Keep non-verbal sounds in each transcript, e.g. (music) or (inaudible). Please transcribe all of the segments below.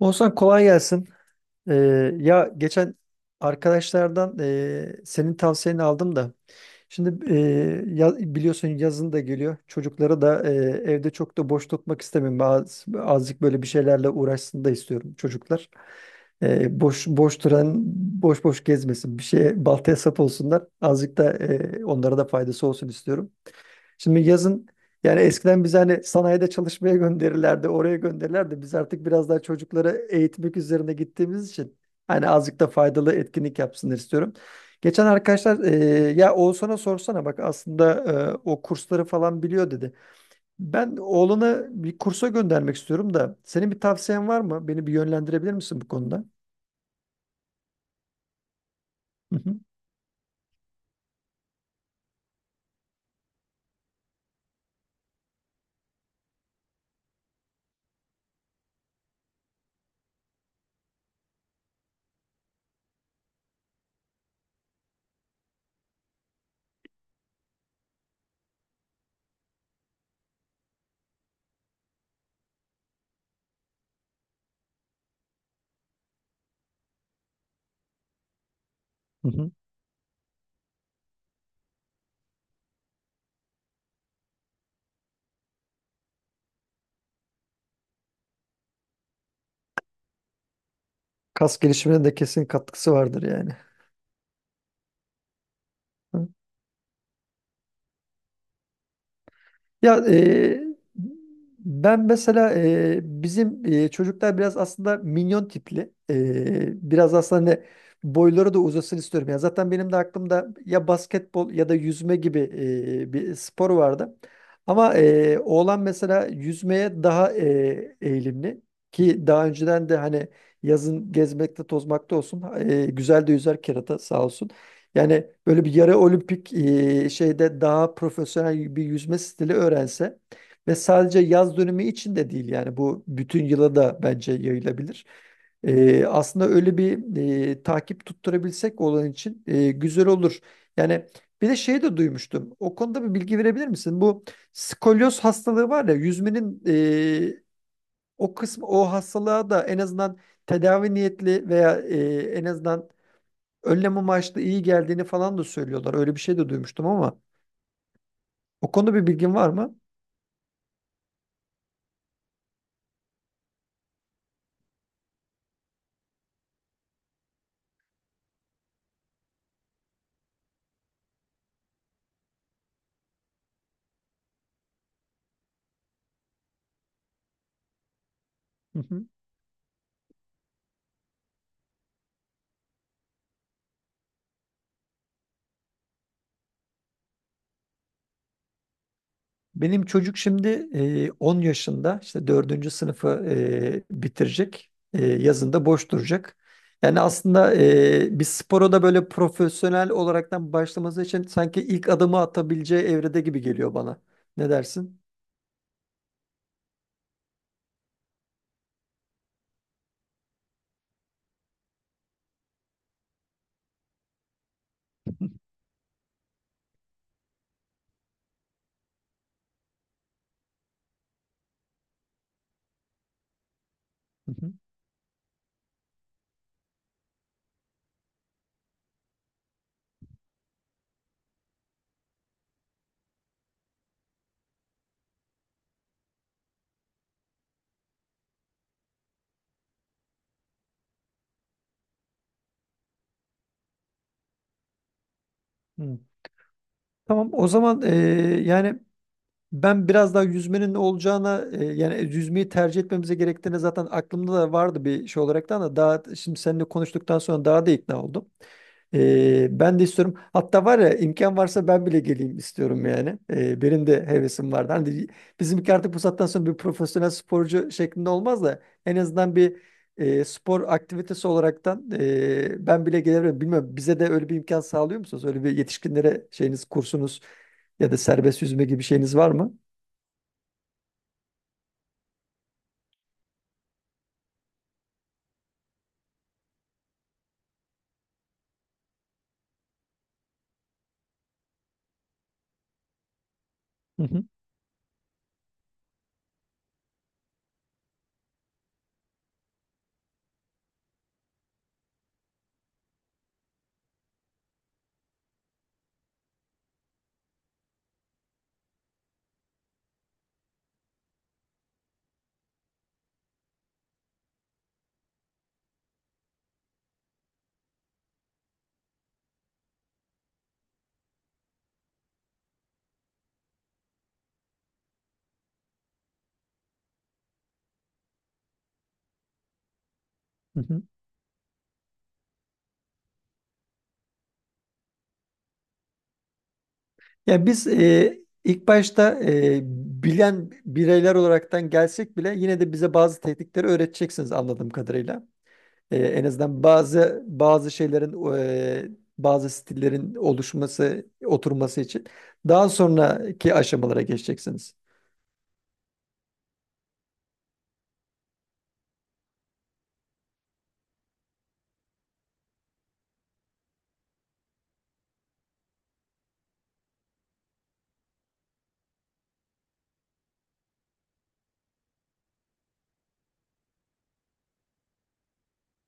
Oğuzhan kolay gelsin. Ee, ya geçen arkadaşlardan senin tavsiyeni aldım da. Şimdi ya- biliyorsun yazın da geliyor. Çocukları da evde çok da boş tutmak istemiyorum. Azıcık böyle bir şeylerle uğraşsın da istiyorum çocuklar. Boş boş duran, boş boş gezmesin. Bir şeye baltaya sap olsunlar. Azıcık da onlara da faydası olsun istiyorum. Şimdi yazın yani eskiden biz hani sanayide çalışmaya gönderirlerdi, oraya gönderirlerdi. Biz artık biraz daha çocukları eğitmek üzerine gittiğimiz için hani azıcık da faydalı etkinlik yapsınlar istiyorum. Geçen arkadaşlar ya Oğuzhan'a sorsana bak aslında o kursları falan biliyor dedi. Ben oğlunu bir kursa göndermek istiyorum da senin bir tavsiyen var mı? Beni bir yönlendirebilir misin bu konuda? Hı hı. Hı hı. Kas gelişimine de kesin katkısı vardır yani. Hı. Ya ben mesela bizim çocuklar biraz aslında minyon tipli. E, biraz aslında hani boyları da uzasın istiyorum. Ya zaten benim de aklımda ya basketbol ya da yüzme gibi bir spor vardı. Ama oğlan mesela yüzmeye daha eğilimli ki daha önceden de hani yazın gezmekte tozmakta olsun, güzel de yüzer kerata sağ olsun. Yani böyle bir yarı olimpik şeyde daha profesyonel bir yüzme stili öğrense ve sadece yaz dönemi için de değil yani bu bütün yıla da bence yayılabilir. Aslında öyle bir takip tutturabilsek olan için güzel olur. Yani bir de şey de duymuştum. O konuda bir bilgi verebilir misin? Bu skolyoz hastalığı var ya, yüzmenin o kısmı o hastalığa da en azından tedavi niyetli veya en azından önlem amaçlı iyi geldiğini falan da söylüyorlar. Öyle bir şey de duymuştum ama o konuda bir bilgin var mı? Hı hı. Benim çocuk şimdi 10 yaşında, işte dördüncü sınıfı bitirecek. E, yazında boş duracak. Yani aslında bir spora da böyle profesyonel olaraktan başlaması için sanki ilk adımı atabileceği evrede gibi geliyor bana. Ne dersin? (laughs) Hı hı. Hı. Tamam o zaman, yani ben biraz daha yüzmenin ne olacağına, yani yüzmeyi tercih etmemize gerektiğine zaten aklımda da vardı bir şey olarak da, ama daha şimdi seninle konuştuktan sonra daha da ikna oldum. E, ben de istiyorum. Hatta var ya, imkan varsa ben bile geleyim istiyorum yani. E, benim de hevesim vardı. Hani bizimki artık bu saatten sonra bir profesyonel sporcu şeklinde olmaz da en azından bir spor aktivitesi olaraktan ben bile gelebilirim. Bilmiyorum, bize de öyle bir imkan sağlıyor musunuz? Öyle bir yetişkinlere şeyiniz kursunuz ya da serbest yüzme gibi bir şeyiniz var mı? Hı hı, hı hı. Yani biz ilk başta bilen bireyler olaraktan gelsek bile yine de bize bazı teknikleri öğreteceksiniz anladığım kadarıyla. E, en azından bazı şeylerin e, bazı stillerin oluşması, oturması için daha sonraki aşamalara geçeceksiniz.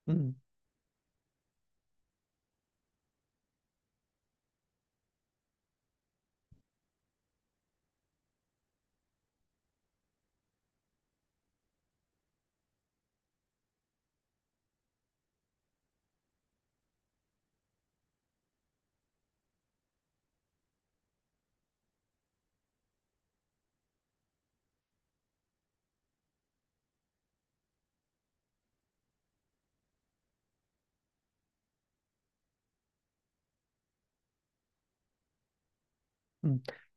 Hı. Hı.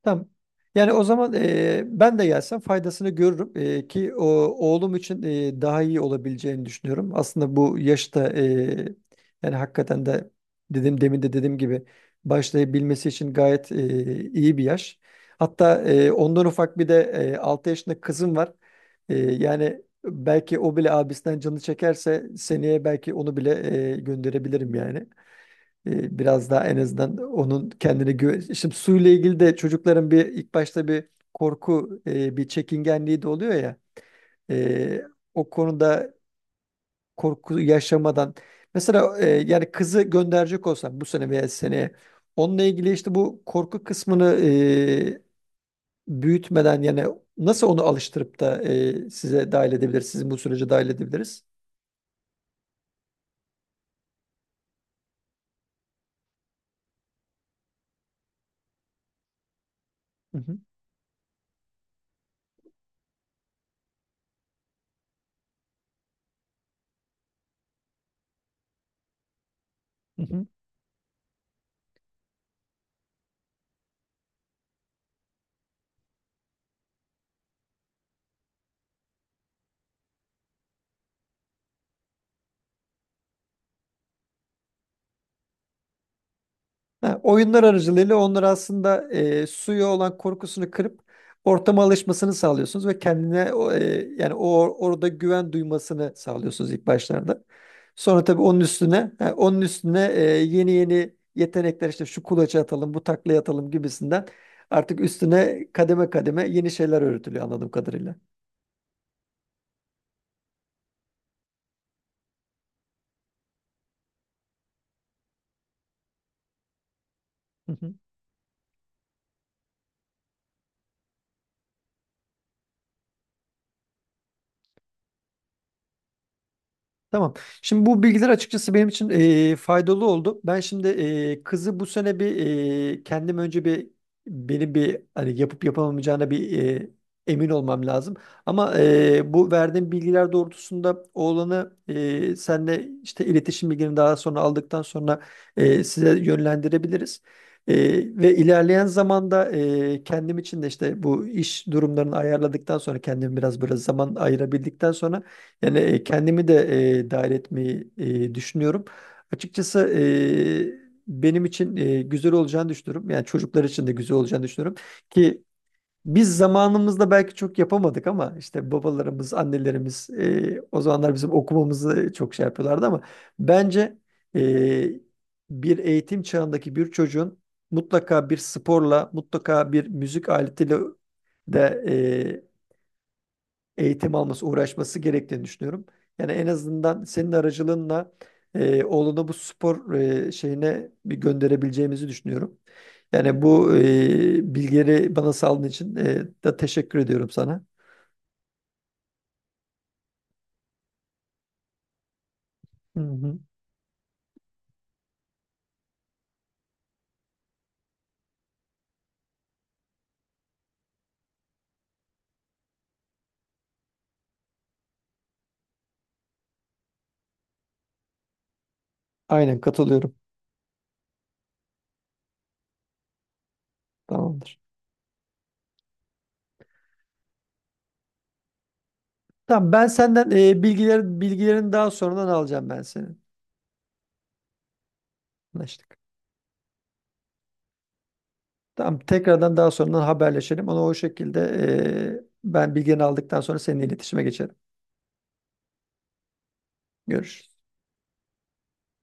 Tamam. Yani o zaman ben de gelsem faydasını görürüm. E, ki o oğlum için daha iyi olabileceğini düşünüyorum. Aslında bu yaşta yani hakikaten de, dedim demin de dediğim gibi, başlayabilmesi için gayet iyi bir yaş. Hatta ondan ufak bir de 6 yaşında kızım var. E, yani belki o bile abisinden canı çekerse seneye belki onu bile gönderebilirim yani. E, biraz daha en azından onun kendine güven... Şimdi suyla ilgili de çocukların bir ilk başta bir korku, bir çekingenliği de oluyor ya. E, o konuda korku yaşamadan mesela yani kızı gönderecek olsam bu sene veya seneye onunla ilgili işte bu korku kısmını büyütmeden yani nasıl onu alıştırıp da size dahil edebiliriz, sizin bu sürece dahil edebiliriz? Hı hı. Hı hı. Ha, oyunlar aracılığıyla onları aslında suya olan korkusunu kırıp ortama alışmasını sağlıyorsunuz ve kendine yani o orada güven duymasını sağlıyorsunuz ilk başlarda. Sonra tabii onun üstüne, ha, onun üstüne yeni yeni yetenekler, işte şu kulaça atalım, bu taklaya atalım gibisinden artık üstüne kademe kademe yeni şeyler öğretiliyor anladığım kadarıyla. (laughs) Tamam. Şimdi bu bilgiler açıkçası benim için faydalı oldu. Ben şimdi kızı bu sene bir kendim önce bir beni bir hani yapıp yapamayacağına bir emin olmam lazım. Ama bu verdiğim bilgiler doğrultusunda oğlanı senle işte iletişim bilgilerini daha sonra aldıktan sonra size yönlendirebiliriz. Ve ilerleyen zamanda kendim için de işte bu iş durumlarını ayarladıktan sonra kendimi biraz böyle zaman ayırabildikten sonra yani kendimi de dahil etmeyi düşünüyorum. Açıkçası benim için güzel olacağını düşünüyorum. Yani çocuklar için de güzel olacağını düşünüyorum. Ki biz zamanımızda belki çok yapamadık ama işte babalarımız, annelerimiz o zamanlar bizim okumamızı çok şey yapıyorlardı, ama bence e, bir eğitim çağındaki bir çocuğun mutlaka bir sporla, mutlaka bir müzik aletiyle de eğitim alması, uğraşması gerektiğini düşünüyorum. Yani en azından senin aracılığınla oğlunu bu spor şeyine bir gönderebileceğimizi düşünüyorum. Yani bu bilgileri bana sağladığın için da teşekkür ediyorum sana. Hı hı. Aynen katılıyorum. Tamamdır. Tamam, ben senden bilgilerini daha sonradan alacağım, ben senin. Anlaştık. Tamam, tekrardan daha sonradan haberleşelim. Onu o şekilde ben bilgilerini aldıktan sonra seninle iletişime geçerim. Görüşürüz.